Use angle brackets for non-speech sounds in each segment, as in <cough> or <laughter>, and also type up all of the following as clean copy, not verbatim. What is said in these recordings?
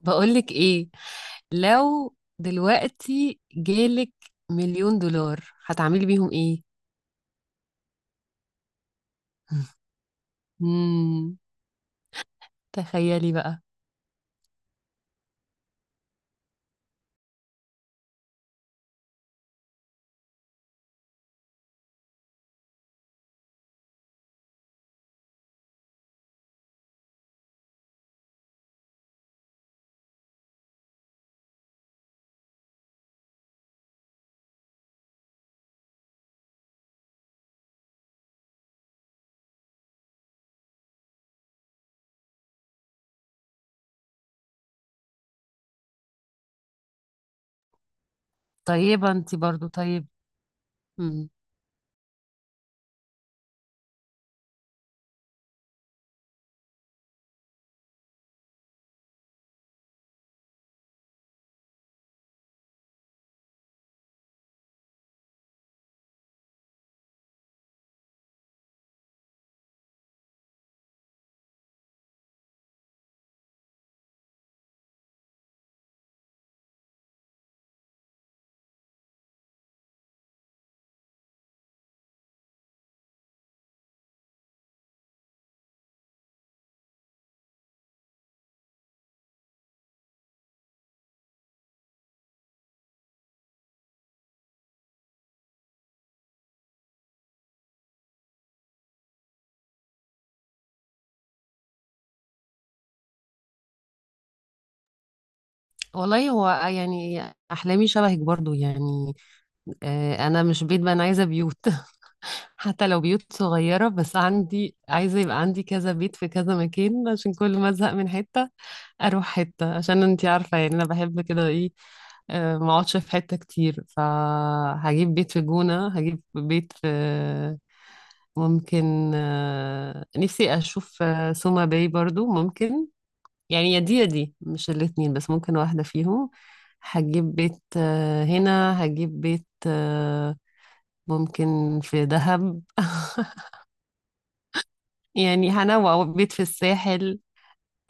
بقولك ايه، لو دلوقتي جالك مليون دولار هتعملي بيهم ايه؟ مم. تخيلي بقى. طيبة انتي برضو. طيب. مم. والله، هو يعني احلامي شبهك برضو يعني. انا مش بيت، بقى انا عايزة بيوت <laughs> حتى لو بيوت صغيرة، بس عندي عايزة يبقى عندي كذا بيت في كذا مكان عشان كل ما ازهق من حتة اروح حتة. عشان انتي عارفة، يعني انا بحب كده ايه. ما اقعدش في حتة كتير، فهجيب بيت في جونة، هجيب بيت في، ممكن، نفسي اشوف سوما باي برضو، ممكن. يعني يا دي يا دي، مش الاتنين، بس ممكن واحدة فيهم. هجيب بيت هنا، هجيب بيت، ممكن في دهب <laughs> يعني هنوع بيت في الساحل.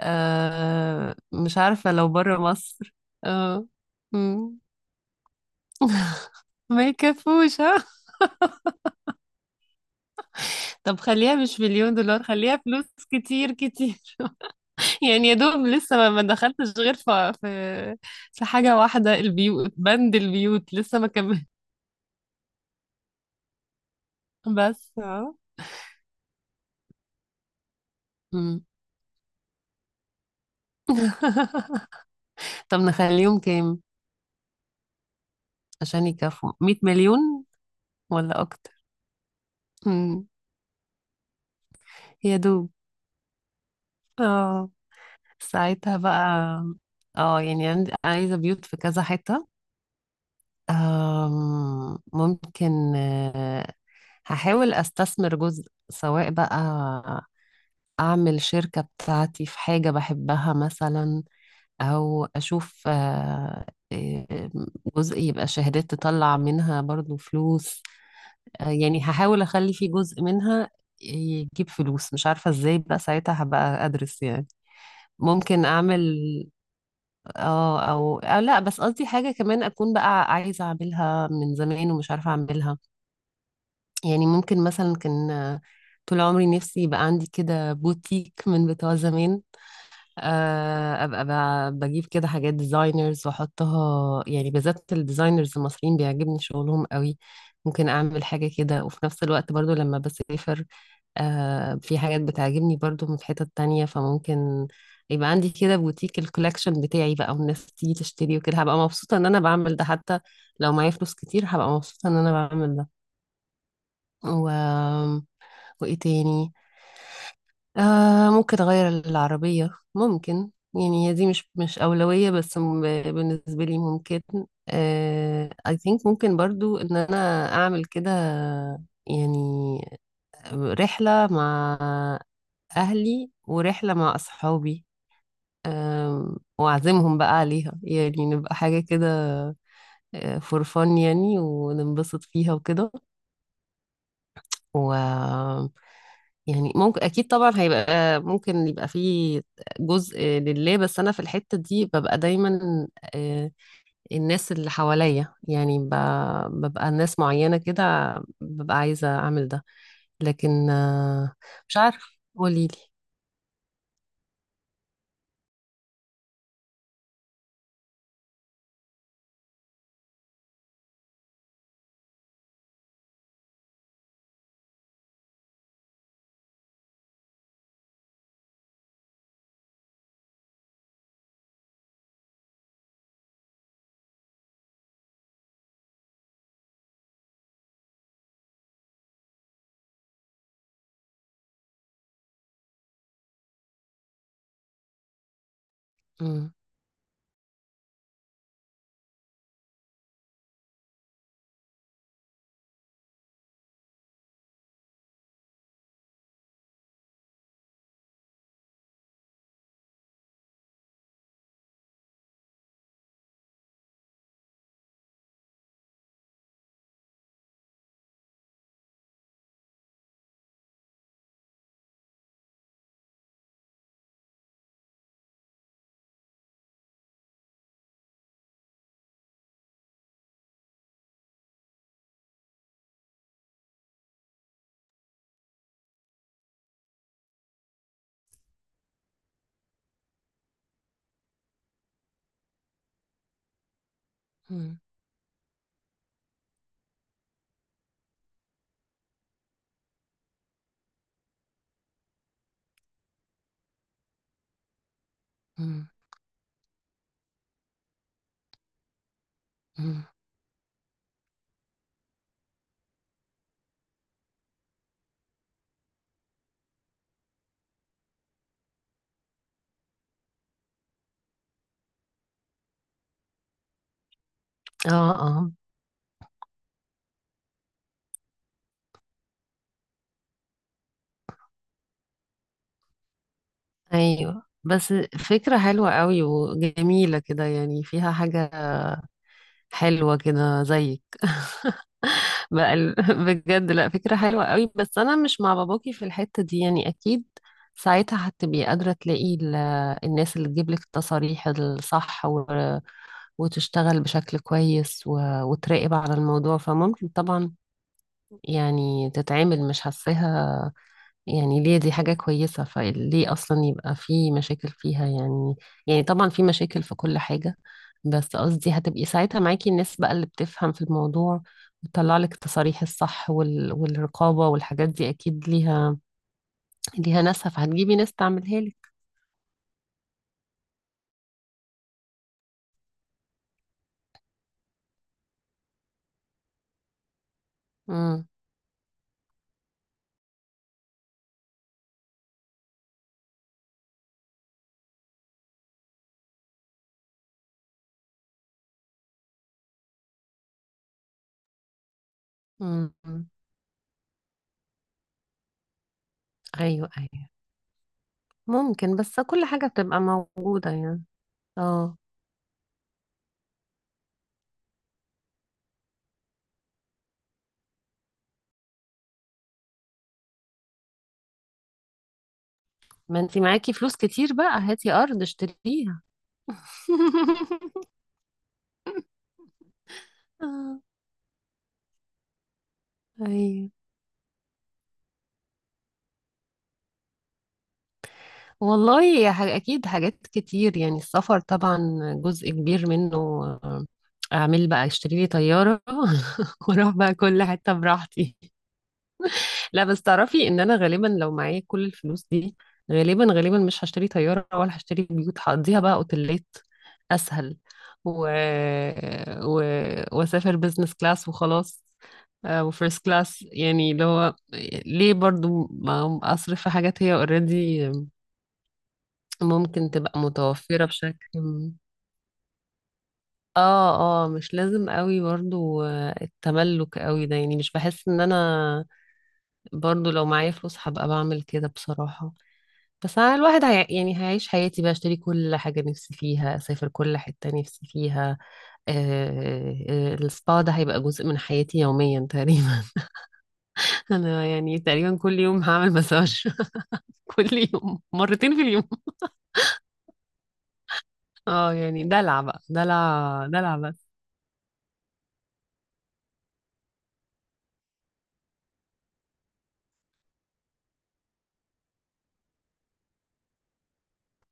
مش عارفة لو برا مصر. اه. مم. ما يكفوش <laughs> ها؟ طب خليها مش مليون دولار، خليها فلوس كتير كتير <laughs> يعني يا دوب لسه ما دخلتش غير في في حاجة واحدة. البيوت، بند البيوت لسه ما كمل <laughs> بس اه. مم. <laughs> طب نخليهم كام عشان يكفوا 100 مليون، ولا اكتر؟ مم. يا دوب اه. ساعتها بقى اه، يعني عندي عايزة بيوت في كذا حتة. ممكن. هحاول استثمر جزء، سواء بقى اعمل شركة بتاعتي في حاجة بحبها مثلا، او اشوف آه، جزء يبقى شهادات تطلع منها برضو فلوس. يعني هحاول اخلي في جزء منها يجيب فلوس، مش عارفة ازاي بقى، ساعتها هبقى ادرس يعني. ممكن اعمل، اه أو لا، بس قصدي حاجة كمان اكون بقى عايزة اعملها من زمان ومش عارفة اعملها. يعني ممكن مثلا كان، طول عمري نفسي يبقى عندي كده بوتيك من بتوع زمان. ابقى بجيب كده حاجات ديزاينرز واحطها، يعني بالذات الديزاينرز المصريين بيعجبني شغلهم قوي. ممكن اعمل حاجة كده، وفي نفس الوقت برضو لما بسافر في حاجات بتعجبني برضو من حتت تانية، فممكن يبقى عندي كده بوتيك الكولكشن بتاعي بقى، والناس تيجي تشتري وكده، هبقى مبسوطة ان انا بعمل ده. حتى لو معايا فلوس كتير هبقى مبسوطة ان انا بعمل ده. و... وايه تاني. آه ممكن اغير العربية. ممكن، يعني هي دي مش أولوية، بس بالنسبة لي ممكن. I think ممكن برضو ان انا اعمل كده يعني، رحلة مع اهلي ورحلة مع اصحابي. واعزمهم بقى عليها، يعني نبقى حاجة كده فور فن، يعني وننبسط فيها وكده. و يعني ممكن اكيد طبعا هيبقى ممكن يبقى فيه جزء لله، بس انا في الحتة دي ببقى دايما آه، الناس اللي حواليا يعني ببقى ناس معينة كده، ببقى عايزة اعمل ده. لكن مش عارفة. قوليلي. مم، مم، مم، مم. اه اه. ايوه بس، فكرة حلوة قوي وجميلة كده، يعني فيها حاجة حلوة كده زيك. بقى <laughs> بجد، لا فكرة حلوة قوي، بس أنا مش مع باباكي في الحتة دي يعني، أكيد ساعتها هتبقي قادرة تلاقي الناس اللي تجيب لك التصاريح الصح، وتشتغل بشكل كويس، وتراقب على الموضوع، فممكن طبعا يعني تتعامل مش حاساها يعني، ليه دي حاجة كويسة، فليه أصلا يبقى في مشاكل فيها يعني؟ يعني طبعا في مشاكل في كل حاجة، بس قصدي هتبقي ساعتها معاكي الناس بقى اللي بتفهم في الموضوع، وتطلع لك التصاريح الصح والرقابة والحاجات دي، أكيد ليها ناسها فهتجيبي ناس تعملها لك. امم امم أيوه أيوه، ممكن بس كل حاجة بتبقى موجودة يعني. اه، ما انتي معاكي فلوس كتير بقى، هاتي أرض اشتريها <laughs> آه، أيوه، والله يا أكيد حاجات كتير يعني. السفر طبعا جزء كبير منه. آه، أعمل بقى، أشتري لي طيارة <laughs> وأروح بقى كل حتة براحتي. لا، بس تعرفي إن أنا غالبا لو معايا كل الفلوس دي، غالبا غالبا مش هشتري طيارة ولا هشتري بيوت، هقضيها بقى أوتيلات أسهل. و... و... وأسافر بزنس كلاس وخلاص. وفيرست كلاس يعني اللي هو، ليه برضو ما أصرف في حاجات هي اوريدي ممكن تبقى متوفرة بشكل، اه اه، مش لازم قوي برضو التملك قوي ده يعني، مش بحس ان انا برضو لو معايا فلوس هبقى بعمل كده بصراحة. بس أنا الواحد يعني هيعيش حياتي بقى، اشتري كل حاجة نفسي فيها، اسافر كل حتة نفسي فيها. السبا ده هيبقى جزء من حياتي يوميا تقريبا. <laughs> انا يعني تقريبا كل يوم هعمل مساج، <laughs> كل يوم، مرتين في اليوم. اه يعني دلع بقى، دلع دلع بس.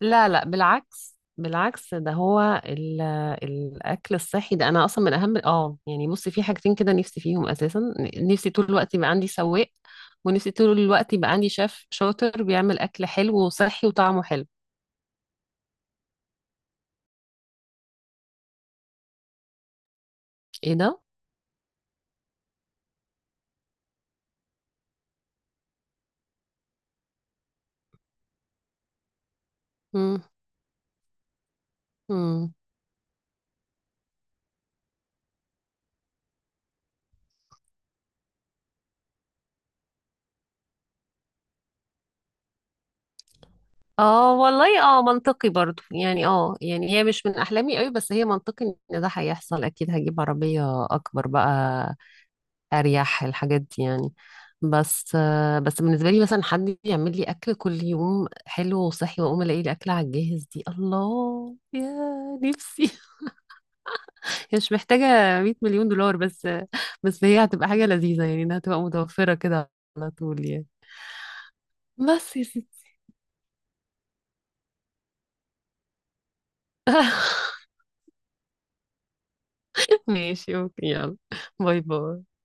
لا لا، بالعكس بالعكس، ده هو الاكل الصحي. ده انا اصلا من اهم، اه يعني، بصي في حاجتين كده نفسي فيهم اساسا. نفسي طول الوقت يبقى عندي سواق، ونفسي طول الوقت يبقى عندي شيف شاطر بيعمل اكل حلو وصحي وطعمه حلو. ايه ده؟ مم. مم. اه والله، اه منطقي برضو يعني. اه يعني هي مش من احلامي قوي، بس هي منطقي ان ده هيحصل، اكيد هجيب عربية اكبر بقى اريح الحاجات دي يعني. بس بالنسبه لي مثلا، حد يعمل لي اكل كل يوم حلو وصحي، واقوم الاقي الاكل على الجاهز، دي الله يا نفسي <laughs> هي مش محتاجه 100 مليون دولار بس هي هتبقى حاجه لذيذه يعني، انها تبقى متوفره كده على طول يعني. بس يا ستي <laughs> ماشي اوكي، يلا. باي باي.